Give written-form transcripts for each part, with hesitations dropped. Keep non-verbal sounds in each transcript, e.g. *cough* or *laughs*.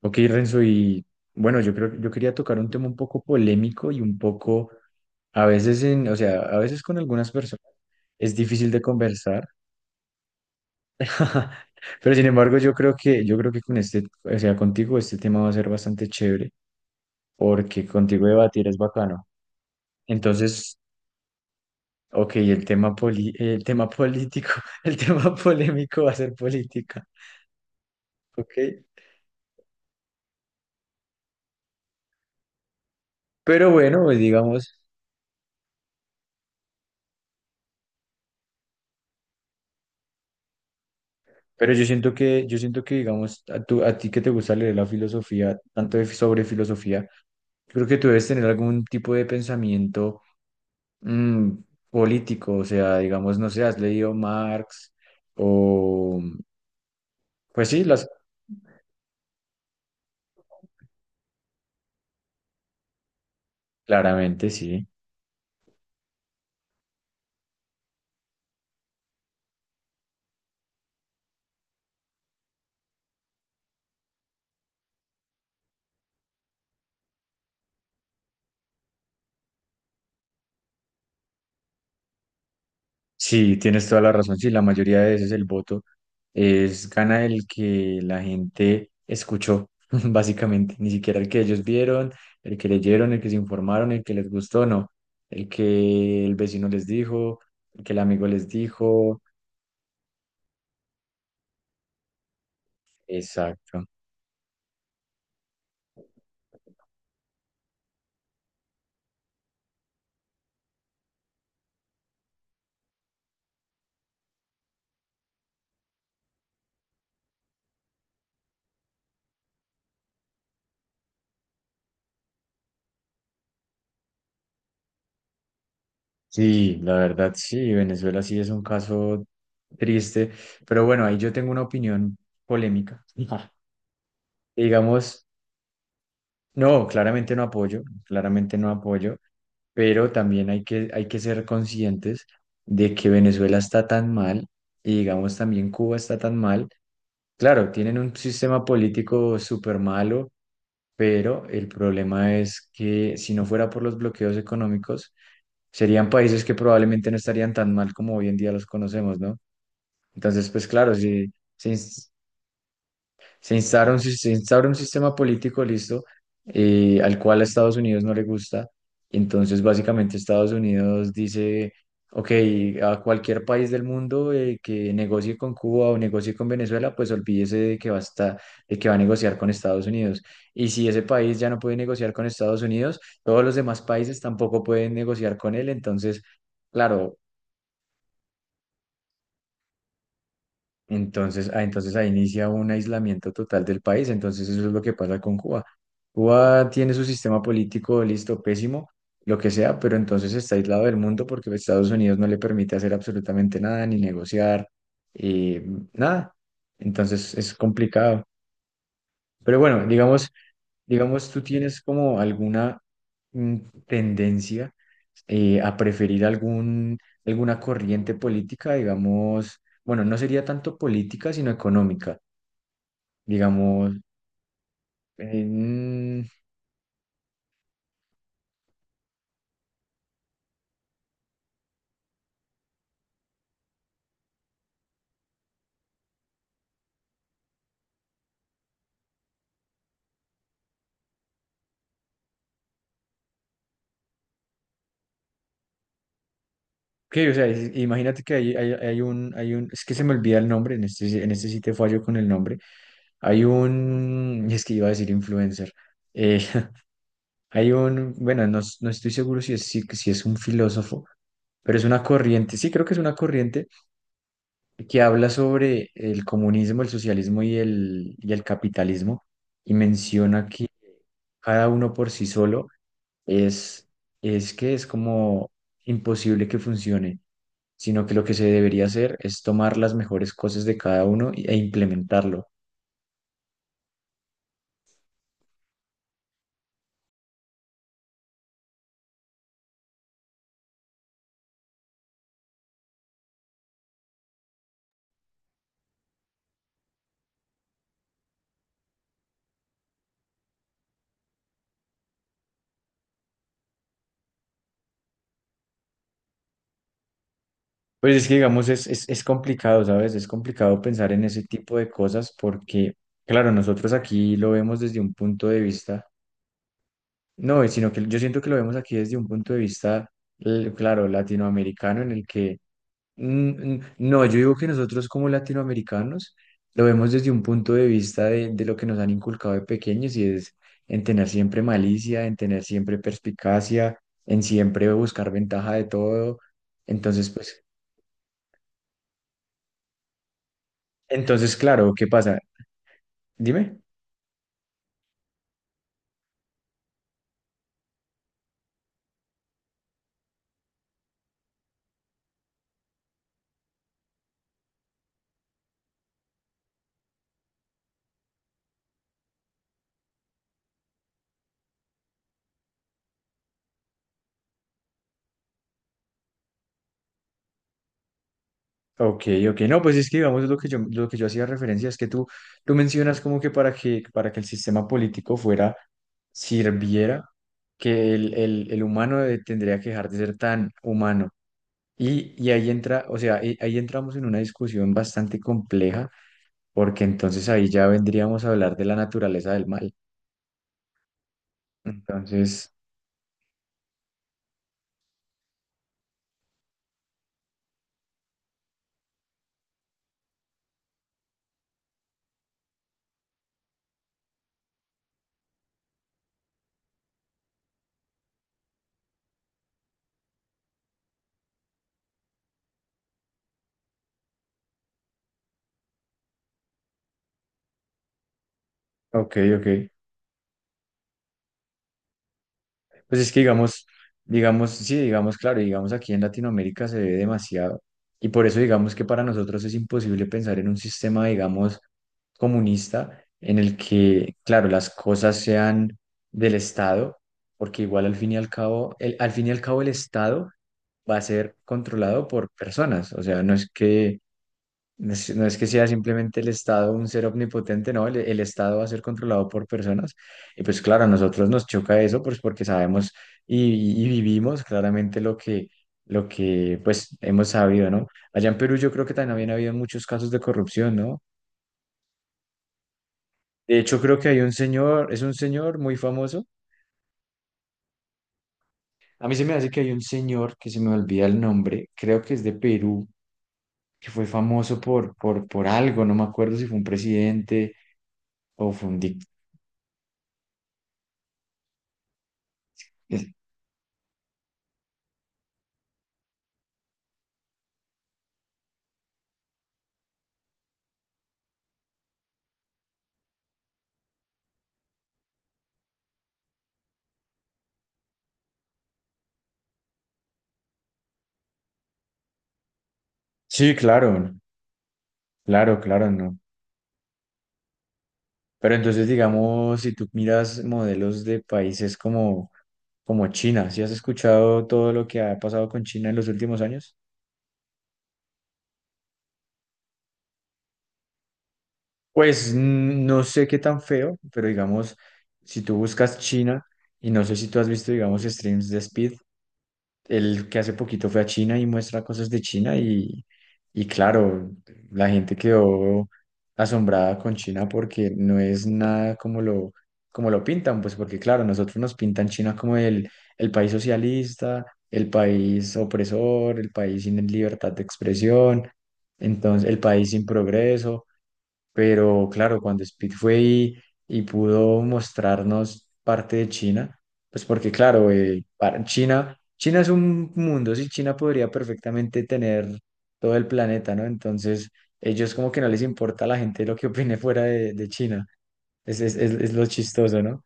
Ok, Renzo, y bueno, yo creo que yo quería tocar un tema un poco polémico y un poco, a veces en, o sea, a veces con algunas personas es difícil de conversar. *laughs* Pero sin embargo yo creo que con o sea, contigo este tema va a ser bastante chévere, porque contigo debatir es bacano. Entonces, ok, el tema político, *laughs* el tema polémico va a ser política, ok, pero bueno, pues digamos. Pero yo siento que, digamos, a ti que te gusta leer la filosofía, sobre filosofía, creo que tú debes tener algún tipo de pensamiento mm, político, o sea, digamos, no sé, has leído Marx o, pues sí, las, claramente sí. Sí, tienes toda la razón. Sí, la mayoría de veces el voto es gana el que la gente escuchó, *laughs* básicamente. Ni siquiera el que ellos vieron, el que leyeron, el que se informaron, el que les gustó, no. El que el vecino les dijo, el que el amigo les dijo. Exacto. Sí, la verdad, sí, Venezuela sí es un caso triste, pero bueno, ahí yo tengo una opinión polémica. *laughs* Digamos, no, claramente no apoyo, claramente no apoyo. Pero también hay que ser conscientes de que Venezuela está tan mal y digamos también Cuba está tan mal. Claro, tienen un sistema político súper malo, pero el problema es que si no fuera por los bloqueos económicos, serían países que probablemente no estarían tan mal como hoy en día los conocemos, ¿no? Entonces, pues claro, si se instaura un sistema político, listo, al cual a Estados Unidos no le gusta. Entonces, básicamente, Estados Unidos dice, ok, a cualquier país del mundo que negocie con Cuba o negocie con Venezuela, pues olvídese de que va a estar- de que va a negociar con Estados Unidos. Y si ese país ya no puede negociar con Estados Unidos, todos los demás países tampoco pueden negociar con él. Entonces, claro, entonces, entonces ahí inicia un aislamiento total del país. Entonces eso es lo que pasa con Cuba. Cuba tiene su sistema político listo, pésimo, lo que sea, pero entonces está aislado del mundo porque Estados Unidos no le permite hacer absolutamente nada, ni negociar, eh, nada. Entonces es complicado. Pero bueno, digamos... Digamos, ¿tú tienes como alguna mm, tendencia a preferir alguna corriente política, digamos, bueno, no sería tanto política, sino económica, digamos, en- que, o sea, imagínate que es que se me olvida el nombre, en este, en este sitio fallo con el nombre, hay un, es que iba a decir influencer, eh, *laughs* hay un, bueno, no, no estoy seguro si es un filósofo, pero es una corriente, sí, creo que es una corriente que habla sobre el comunismo, el socialismo y el capitalismo, y menciona que cada uno por sí solo es, es que es como imposible que funcione, sino que lo que se debería hacer es tomar las mejores cosas de cada uno e implementarlo. Pues es que, digamos, es complicado, ¿sabes? Es complicado pensar en ese tipo de cosas porque, claro, nosotros aquí lo vemos desde un punto de vista. No, y sino que yo siento que lo vemos aquí desde un punto de vista, claro, latinoamericano, en el que, mm, no, yo digo que nosotros como latinoamericanos lo vemos desde un punto de vista de lo que nos han inculcado de pequeños y es en tener siempre malicia, en tener siempre perspicacia, en siempre buscar ventaja de todo. Entonces, pues, entonces, claro, ¿qué pasa? Dime. Ok, ok, no, pues es que digamos lo que yo hacía referencia es que tú mencionas como que para que el sistema político sirviera, que el tendría que dejar de ser tan humano. Y ahí entra, o sea, ahí entramos en una discusión bastante compleja, porque entonces ahí ya vendríamos a hablar de la naturaleza del mal. Entonces, ok, ok. Pues es que digamos, digamos, sí, digamos, claro, digamos aquí en Latinoamérica se ve demasiado y por eso digamos que para nosotros es imposible pensar en un sistema, digamos, comunista en el que, claro, las cosas sean del Estado, porque igual al fin y al cabo, al fin y al cabo el Estado va a ser controlado por personas, o sea, no es, no es que sea simplemente el Estado un ser omnipotente, no, el Estado va a ser controlado por personas. Y pues claro, a nosotros nos choca eso, pues porque sabemos y vivimos claramente lo que pues hemos sabido, ¿no? Allá en Perú yo creo que también había muchos casos de corrupción, ¿no? De hecho, creo que hay un señor, es un señor muy famoso. A mí se me hace que hay un señor que se me olvida el nombre, creo que es de Perú, que fue famoso por algo, no me acuerdo si fue un presidente o fue un dictador. Sí, claro, claro, claro, no. Pero entonces, digamos, si tú miras modelos de países como China, ¿sí has escuchado todo lo que ha pasado con China en los últimos años? Pues mm, no sé qué tan feo, pero digamos, si tú buscas China, y no sé si tú has visto, digamos, streams de Speed, el que hace poquito fue a China y muestra cosas de China y claro, la gente quedó asombrada con China porque no es nada como como lo pintan, pues porque claro, nosotros nos pintan China como el país socialista, el país opresor, el país sin libertad de expresión, entonces el país sin progreso. Pero claro, cuando Speed fue y pudo mostrarnos parte de China, pues porque claro, China, China es un mundo, sí, China podría perfectamente tener todo el planeta, ¿no? Entonces, ellos como que no les importa a la gente lo que opine *laughs* fuera de China. Es lo chistoso, ¿no?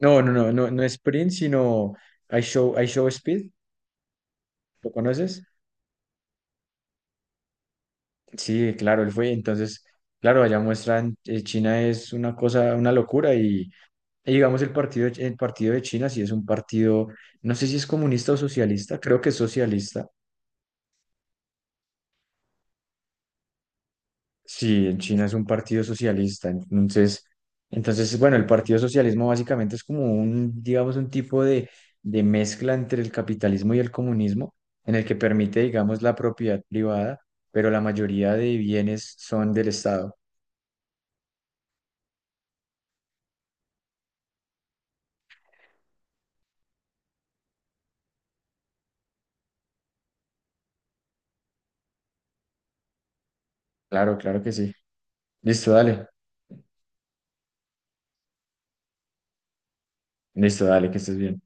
No, no, no, no, no es Prince, sino I Show, I Show Speed, ¿lo conoces? Sí, claro, él fue. Entonces, claro, allá muestran, China es una cosa, una locura. Y digamos, el partido de China sí es un partido, no sé si es comunista o socialista, creo que es socialista. Sí, en China es un partido socialista. Entonces, entonces, bueno, el partido socialismo básicamente es como un, digamos, un tipo de mezcla entre el capitalismo y el comunismo, en el que permite, digamos, la propiedad privada, pero la mayoría de bienes son del Estado. Claro, claro que sí. Listo, dale. Listo, dale, que estés bien.